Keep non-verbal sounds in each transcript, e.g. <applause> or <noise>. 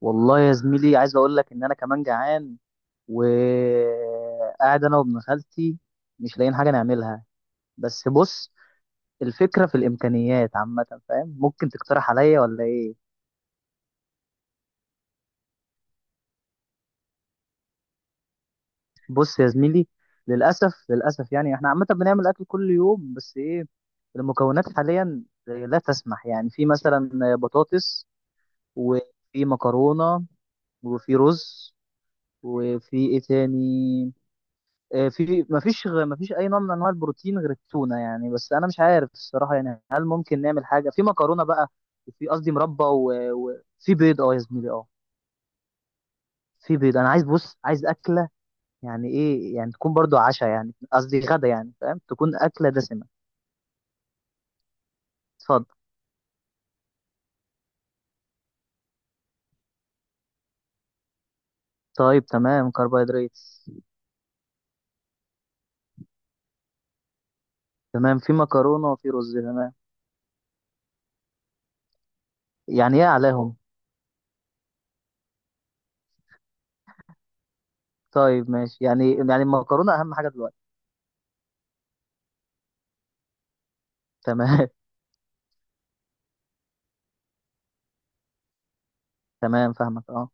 والله يا زميلي، عايز اقول لك ان انا كمان جعان. وقاعد انا وابن خالتي، مش لاقيين حاجه نعملها. بس بص، الفكره في الامكانيات عامه، فاهم؟ ممكن تقترح عليا ولا ايه؟ بص يا زميلي، للاسف للاسف يعني احنا عامه بنعمل اكل كل يوم، بس ايه، المكونات حاليا لا تسمح. يعني في مثلا بطاطس، وفي مكرونه، وفي رز، وفي ايه تاني؟ مفيش اي نوع من انواع البروتين غير التونه يعني. بس انا مش عارف الصراحه، يعني هل ممكن نعمل حاجه في مكرونه بقى؟ وفي قصدي مربى وفي بيض. اه يا زميلي، اه، في بيض. انا عايز، بص، عايز اكله. يعني ايه؟ يعني تكون برضو عشاء، يعني قصدي غدا، يعني فاهم، تكون اكله دسمه. اتفضل. طيب، تمام، كربوهيدرات. تمام، في مكرونه وفي رز، تمام. يعني ايه عليهم؟ طيب ماشي، يعني المكرونه اهم حاجه دلوقتي. تمام. <laughs> تمام، فاهمك، اه.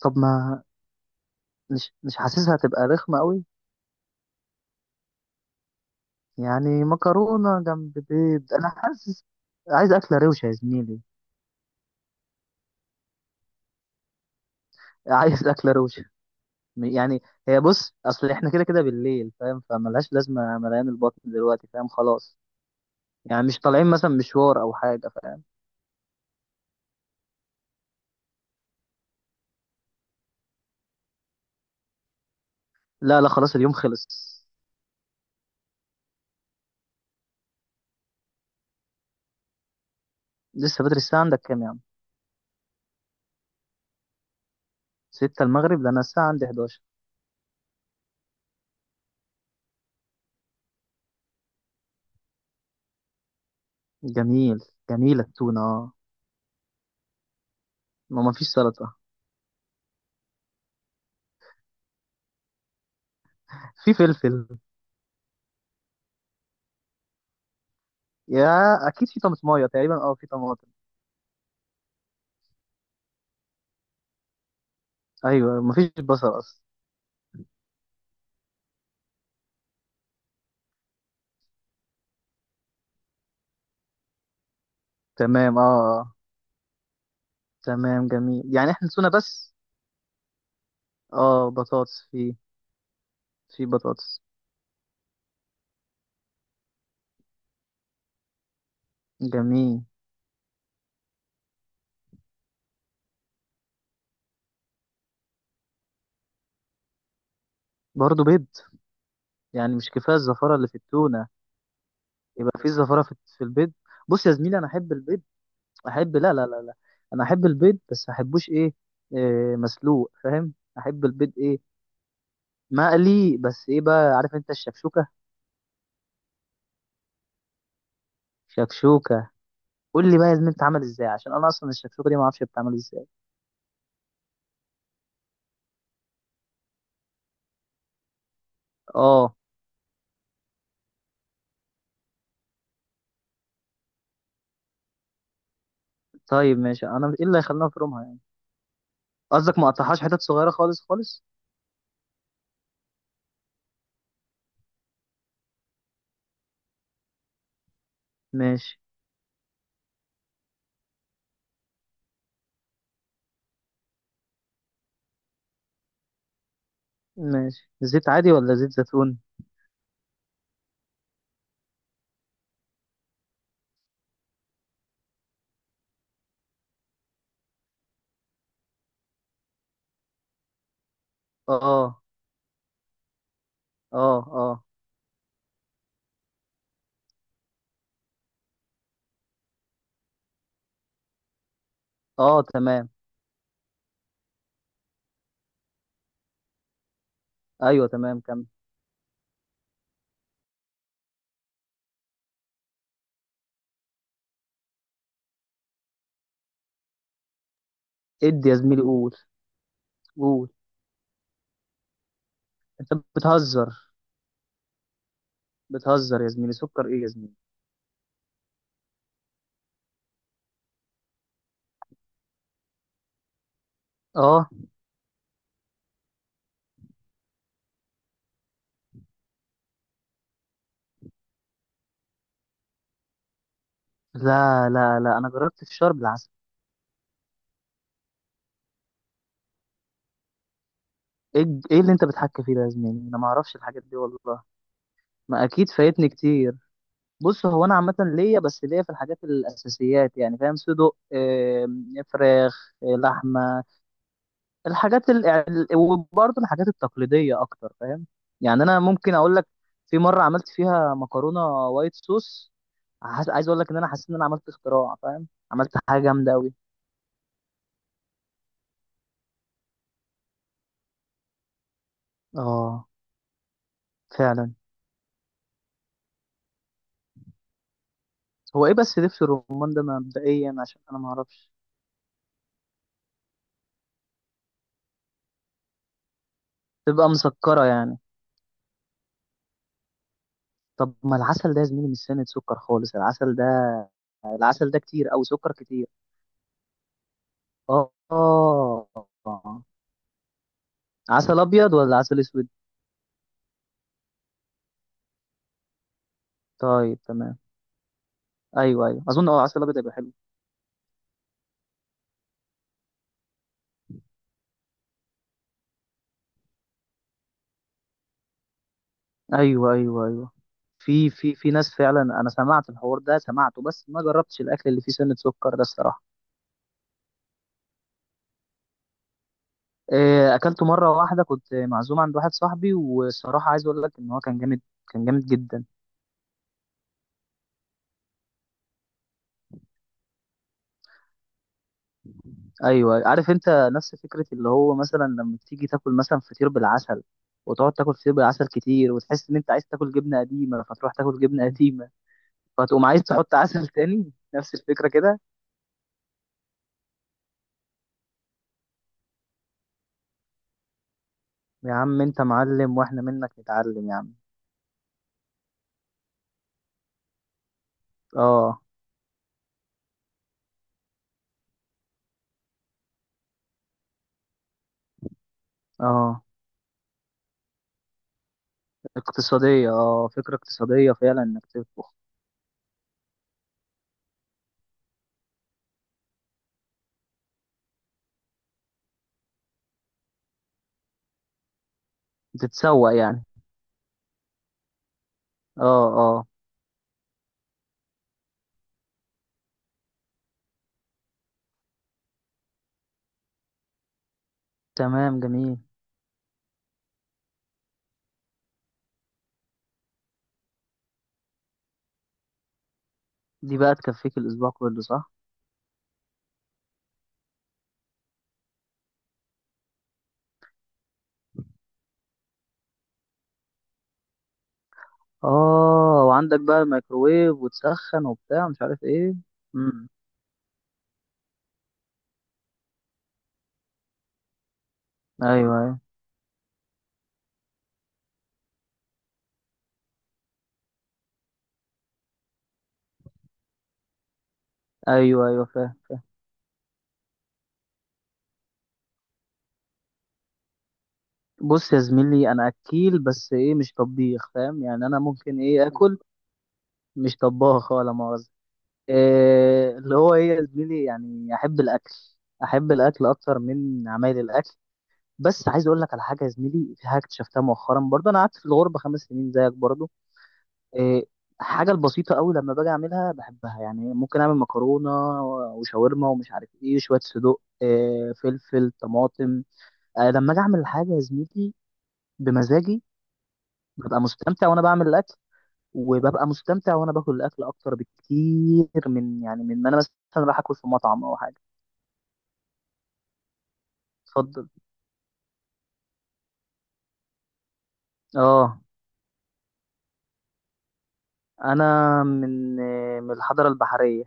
طب ما، مش مش حاسسها هتبقى رخمه قوي. يعني مكرونة جنب بيض، أنا حاسس. عايز أكلة روشة يا زميلي. عايز أكلة روشة. يعني، هي بص، أصل إحنا كده كده بالليل، فاهم، فملهاش لازمة مليان البطن دلوقتي، فاهم، خلاص. يعني مش طالعين مثلا مشوار أو حاجة، فاهم. لا لا، خلاص اليوم خلص. لسه بدري. الساعة عندك كام يا عم؟ 6 المغرب؟ ده أنا الساعة عندي 11. جميل. جميلة التونة، آه. ما فيش سلطة. في فلفل. يا، أكيد في طماطماية. تقريبا في طماطم. أيوة، ما فيش بصل أصلا. تمام، أه، آه. تمام جميل، يعني احنا نسونا بس. اه، بطاطس في. في بطاطس. جميل. برضه بيض؟ يعني مش كفايه الزفاره اللي في التونه؟ يبقى في زفاره في البيض. بص يا زميلي، انا احب البيض. احب، لا لا لا لا، انا احب البيض، بس ما احبوش إيه، مسلوق، فاهم، احب البيض، ايه، مقلي، بس ايه بقى؟ عارف انت الشكشوكه؟ شكشوكه. قول لي بقى يا زميلي بتتعمل ازاي، عشان انا اصلا الشكشوكه دي ما اعرفش بتتعمل ازاي. اه. طيب ماشي، انا ايه اللي هيخلينا نفرمها يعني؟ قصدك ما اقطعهاش حتت صغيره خالص خالص. ماشي. ماشي، زيت عادي ولا زيت زيتون؟ اه، اه. اه، اه، تمام. ايوه تمام، كمل. ادي يا زميلي، قول. قول. انت بتهزر. بتهزر يا زميلي، سكر ايه يا زميلي؟ اه. لا لا لا، انا جربت الفشار بالعسل. إيه اللي انت بتحكي فيه ده يا زميلي؟ انا ما اعرفش الحاجات دي والله. ما اكيد فايتني كتير. بص، هو انا عامه ليا، بس ليا في الحاجات الاساسيات، يعني فاهم، صدق، فراخ، لحمه. يعني وبرضه الحاجات التقليدية أكتر، فاهم. يعني أنا ممكن أقول لك، في مرة عملت فيها مكرونة وايت صوص. عايز أقول لك إن أنا حسيت إن أنا عملت اختراع، فاهم، عملت حاجة جامدة أوي. آه، فعلا. هو إيه بس دبس الرمان ده مبدئيا؟ عشان أنا معرفش. تبقى مسكرة يعني؟ طب ما العسل ده يا زميلي مش سنة سكر خالص العسل ده؟ العسل ده كتير أو سكر كتير؟ آه، آه. عسل أبيض ولا عسل أسود؟ طيب تمام. أيوه أيوه، أظن أه عسل أبيض هيبقى حلو. ايوه ايوه ايوه، في ناس فعلا، انا سمعت الحوار ده، سمعته بس ما جربتش الاكل اللي فيه سنه سكر ده الصراحه. إيه، اكلته مره واحده، كنت معزوم عند واحد صاحبي، والصراحه عايز اقول لك ان هو كان جامد، كان جامد جدا. ايوه عارف انت، نفس فكره اللي هو مثلا لما تيجي تاكل مثلا فطير بالعسل، وتقعد تاكل فطير بالعسل كتير، وتحس ان انت عايز تاكل جبنه قديمه، فتروح تاكل جبنه قديمه، فتقوم عايز تحط عسل تاني، نفس الفكره كده. يا عم انت معلم، واحنا منك نتعلم يا عم. اه، اه. اقتصادية، اه، فكرة اقتصادية فعلا انك تطبخ. تتسوق يعني. اه، اه. تمام جميل. دي بقى تكفيك الاسبوع كله، صح؟ اه، وعندك بقى الميكروويف وتسخن وبتاع، مش عارف ايه. امم. ايوه ايوه. ايوه ايوه فاهم. بص يا زميلي، انا اكيل بس ايه، مش طبيخ، فاهم، يعني انا ممكن ايه، اكل. مش طباخ ولا مؤاخذة. إيه اللي هو ايه يا زميلي؟ يعني احب الاكل، احب الاكل اكتر من عمايل الاكل. بس عايز اقول لك على حاجه يا زميلي، في حاجه اكتشفتها مؤخرا، برضه انا قعدت في الغربه 5 سنين زيك برضه. إيه، حاجه البسيطه قوي، لما باجي اعملها بحبها. يعني ممكن اعمل مكرونه وشاورما ومش عارف ايه، شويه صدوق، إيه، فلفل، طماطم. لما اجي اعمل الحاجه يا زميلي بمزاجي، ببقى مستمتع وانا بعمل الاكل، وببقى مستمتع وانا باكل الاكل اكتر بكتير يعني من ما انا مثلا راح اكل في مطعم او حاجه. اتفضل. اه، انا من من الحضاره البحريه.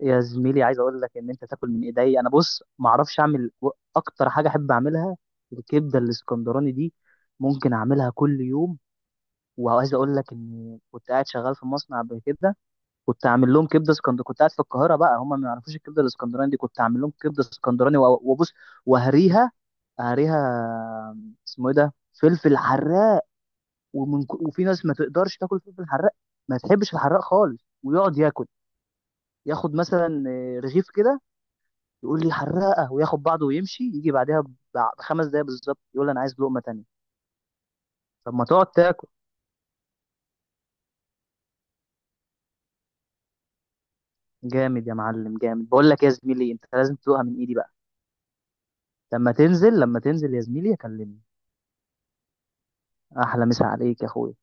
يا زميلي، عايز اقول لك ان انت تاكل من ايدي. انا بص، ما اعرفش اعمل، اكتر حاجه احب اعملها الكبده الاسكندراني دي، ممكن اعملها كل يوم. وعايز اقول لك ان كنت قاعد شغال في مصنع قبل كده، كنت اعمل لهم كبده اسكندراني. كنت قاعد في القاهره بقى، هم ما يعرفوش الكبده الاسكندراني دي. كنت اعمل لهم كبده اسكندراني وبص، وهريها. هريها. اسمه ايه ده، فلفل حراق. وفي ناس ما تقدرش تاكل فلفل حراق، ما تحبش الحراق خالص، ويقعد ياكل، ياخد مثلا رغيف كده، يقول لي حراقه، وياخد بعضه ويمشي، يجي بعدها ب5 دقايق بالظبط، يقول لي انا عايز لقمه تانية. طب ما تقعد تاكل. جامد يا معلم، جامد. بقول لك يا زميلي، انت لازم تدوقها من ايدي بقى. لما تنزل، لما تنزل يا زميلي، اكلمني. احلى مسا عليك يا اخويا.